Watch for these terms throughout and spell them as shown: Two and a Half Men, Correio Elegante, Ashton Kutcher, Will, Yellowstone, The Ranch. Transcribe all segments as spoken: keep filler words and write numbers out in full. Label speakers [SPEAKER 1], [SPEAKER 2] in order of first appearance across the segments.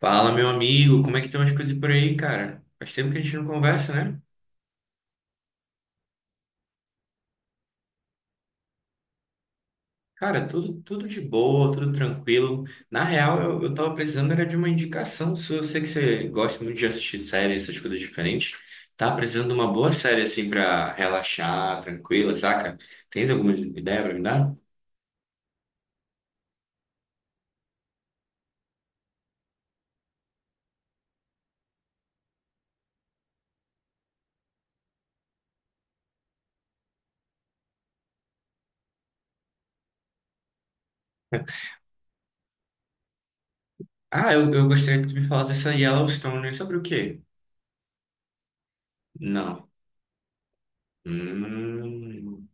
[SPEAKER 1] Fala, meu amigo, como é que estão as coisas por aí, cara? Faz tempo que a gente não conversa, né? Cara, tudo, tudo de boa, tudo tranquilo. Na real, eu, eu tava precisando era de uma indicação sua. Eu sei que você gosta muito de assistir séries, essas coisas diferentes. Tava precisando de uma boa série, assim, pra relaxar, tranquila, saca? Tens alguma ideia pra me dar? Ah, eu, eu gostaria que tu me falasse essa Yellowstone, né? Sobre o quê? Não. Hum.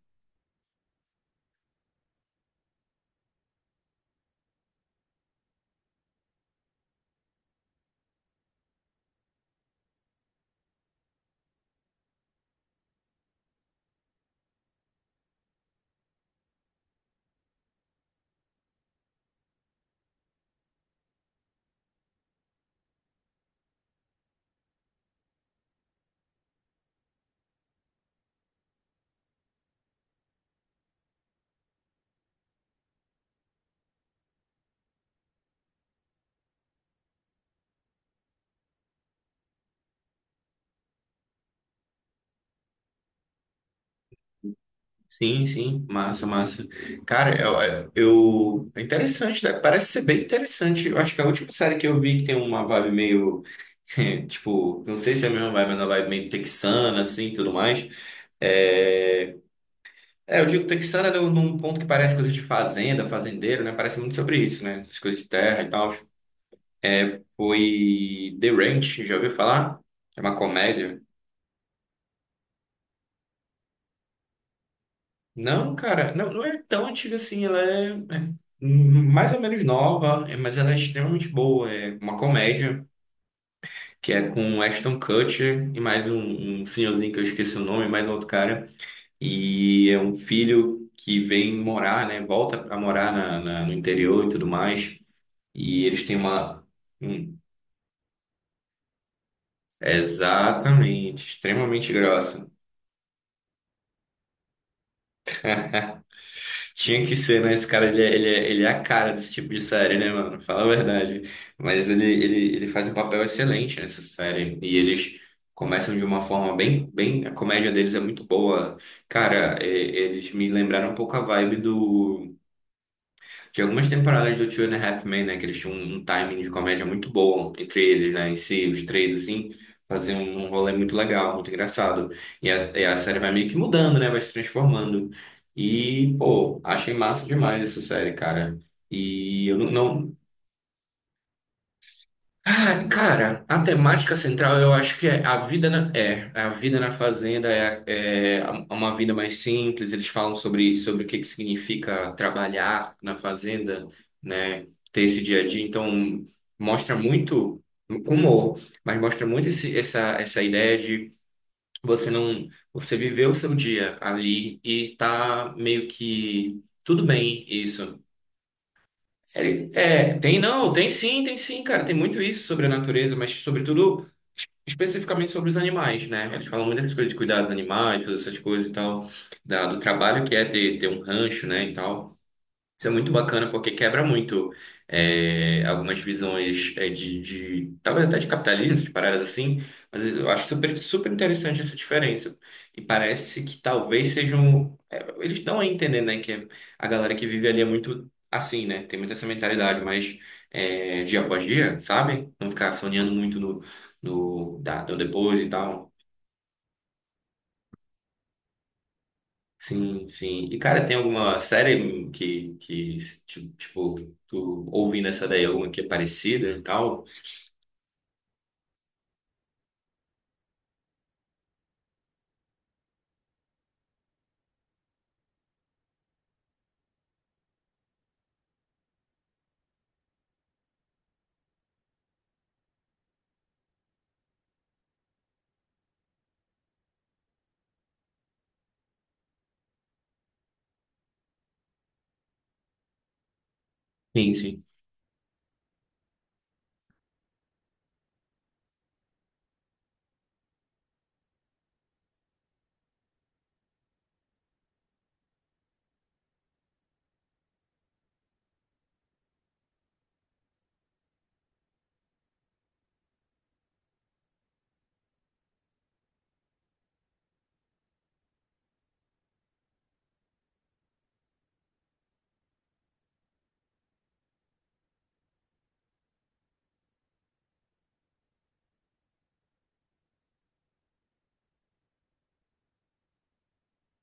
[SPEAKER 1] Sim, sim, massa, massa. Cara, eu, é, eu- é interessante, né? Parece ser bem interessante. Eu acho que a última série que eu vi que tem uma vibe meio, tipo, não sei se é a mesma vibe, mas é uma vibe meio texana, assim, tudo mais. É, é eu digo texana num num ponto que parece coisa de fazenda, fazendeiro, né? Parece muito sobre isso, né? Essas coisas de terra e tal. Foi The Ranch, já ouviu falar? É uma comédia. Não, cara, não, não é tão antiga assim, ela é, é mais ou menos nova, é, mas ela é extremamente boa. É uma comédia que é com Ashton Kutcher e mais um, um senhorzinho que eu esqueci o nome, mais um outro cara. E é um filho que vem morar, né? Volta a morar na, na- no interior e tudo mais. E eles têm uma. Hum, exatamente, extremamente grossa. Tinha que ser, né? Esse cara, ele é, ele é, ele é a cara desse tipo de série, né, mano? Fala a verdade. Mas ele, ele, ele faz um papel excelente nessa série. E eles começam de uma forma bem, bem... A comédia deles é muito boa. Cara, e- eles me lembraram um pouco a vibe do... Tinha algumas temporadas do Two and a Half Men, né? Que eles tinham um timing de comédia muito bom entre eles, né? Em si, os três, assim, faziam um rolê muito legal, muito engraçado. E a, e a série vai meio que mudando, né? Vai se transformando. E, pô, achei massa demais essa série, cara. E eu não, não, ah, cara, a temática central eu acho que é a vida na, é, a vida na fazenda é, é uma vida mais simples. Eles falam sobre, sobre o que que significa trabalhar na fazenda, né? Ter esse dia a dia. Então, mostra muito com humor, mas mostra muito esse, essa, essa ideia de você não, você viver o seu dia ali e tá meio que tudo bem isso. Ele- É, tem não, tem sim, tem sim, cara. Tem muito isso sobre a natureza, mas sobretudo es- especificamente sobre os animais, né? Eles falam muitas coisas de cuidar dos animais, todas essas coisas e tal, da- do trabalho que é ter, ter um rancho, né, e tal. Isso é muito bacana porque quebra muito é, algumas visões é, de, de- talvez até de capitalismo, de paradas assim, mas eu acho super, super interessante essa diferença. E parece que talvez sejam. É, eles estão a entender, né? Que a galera que vive ali é muito assim, né? Tem muito essa mentalidade, mas é, dia após dia, sabe? Não ficar sonhando muito no, no, da, do depois e tal. Sim, sim. E, cara, tem alguma série que, que tipo, tipo, tu ouvindo essa daí, alguma que é parecida e tal? Sim, sim.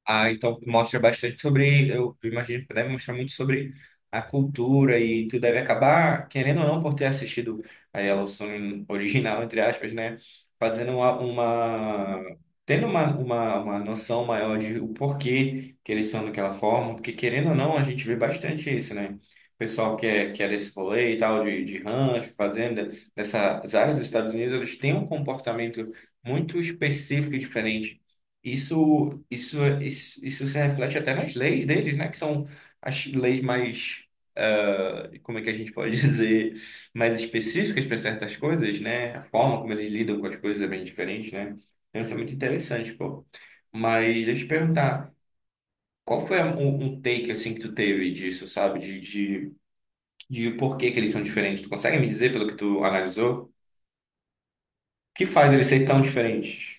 [SPEAKER 1] Ah, então mostra bastante sobre, eu imagino que deve mostrar muito sobre a cultura e tu deve acabar, querendo ou não, por ter assistido a Yellowstone original, entre aspas, né? Fazendo uma, uma- tendo uma, uma, uma noção maior de o porquê que eles são daquela forma, porque querendo ou não, a gente vê bastante isso, né? O pessoal que é, que é desse rolê e tal, de, de rancho, fazenda, dessas áreas dos Estados Unidos, eles têm um comportamento muito específico e diferente. Isso, isso, é- isso, isso se reflete até nas leis deles, né? Que são as leis mais, ah, como é que a gente pode dizer, mais específicas para certas coisas, né? A forma como eles lidam com as coisas é bem diferente, né? Então, isso é muito interessante, pô. Mas deixa eu te perguntar, qual foi a- um, um take, assim, que tu teve disso, sabe? De, de, de por que que eles são diferentes? Tu consegue me dizer, pelo que tu analisou, o que faz eles serem tão diferentes?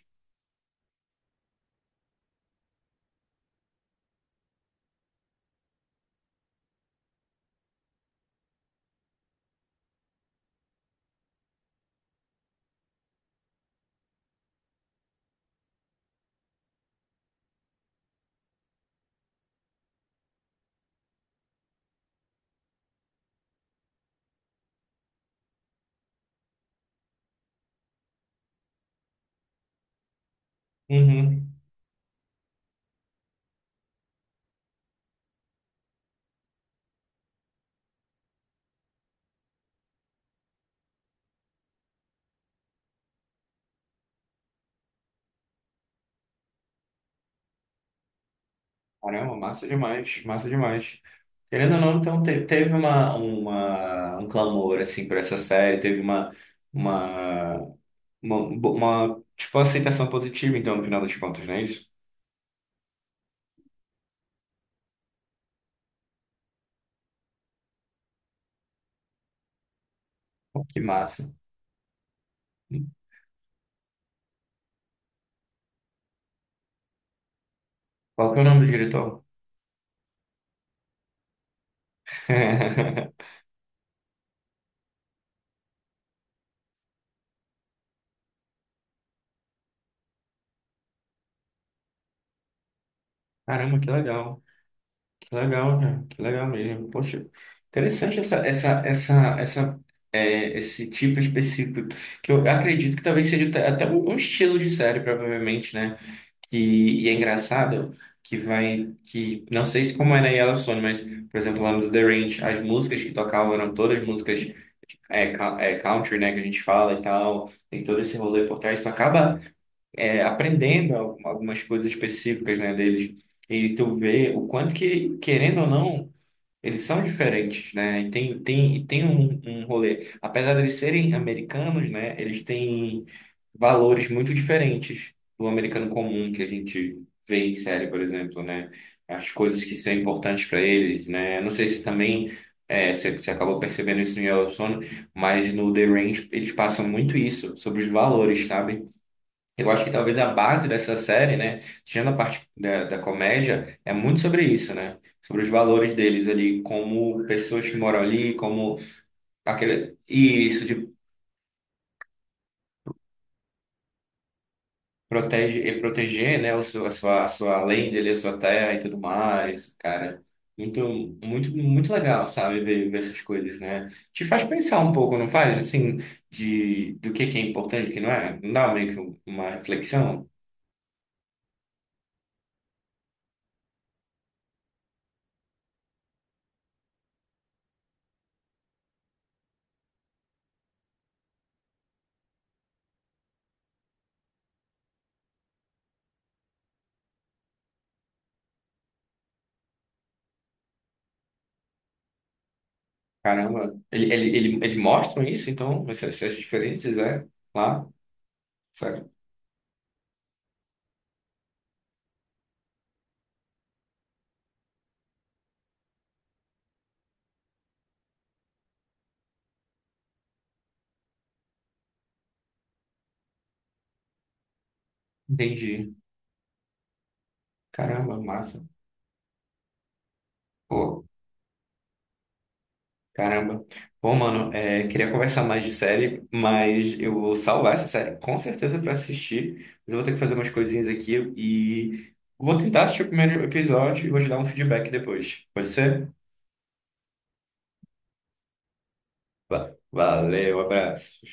[SPEAKER 1] Uhum. Caramba, massa demais, massa demais. Querendo ou não, então te- teve uma, uma, um clamor assim por essa série, teve uma, uma, uma, uma, tipo aceitação positiva, então, no final das contas, não é isso? Pô, que massa. Qual que é o nome do diretor? Caramba, que legal. Que legal, né? Que legal mesmo. Poxa, interessante essa, essa, essa, essa, é, esse tipo específico, que eu acredito que talvez seja até até um um estilo de série, provavelmente, né? Que e é engraçado que vai que não sei se como é na Yellowstone, mas por exemplo lá no The Ranch as músicas que tocavam eram todas músicas é, ca- é, country, né, que a gente fala e tal, tem todo esse rolê por trás, tu acaba é, aprendendo al- algumas coisas específicas, né, deles e tu vê o quanto que querendo ou não eles são diferentes, né? E tem, tem, e tem um, um rolê. Apesar de eles serem americanos, né? Eles têm valores muito diferentes do americano comum que a gente vê em série, por exemplo, né? As coisas que são importantes para eles, né? Não sei se também é, você, você acabou percebendo isso no Yellowstone, mas no The Range eles passam muito isso sobre os valores, sabe? Eu acho que talvez a base dessa série, né, tirando a parte da, da comédia, é muito sobre isso, né? Sobre os valores deles ali, como pessoas que moram ali, como aquele, e isso protege, e proteger, né, o seu, a sua, a sua lenda ali, a sua terra e tudo mais, cara. Muito, muito, muito legal, sabe, ver, ver essas coisas, né? Te faz pensar um pouco, não faz? Assim, de, do que que é importante, o que não é? Não dá meio que uma reflexão? Caramba, ele, ele, ele, eles mostram isso, então, essas, essas diferenças, é? Lá, sabe? Entendi. Caramba, massa. Pô, caramba. Pô, mano, é, queria conversar mais de série, mas eu vou salvar essa série com certeza pra assistir. Mas eu vou ter que fazer umas coisinhas aqui e vou tentar assistir o primeiro episódio e vou te dar um feedback depois. Pode ser? Va- Valeu, abraço.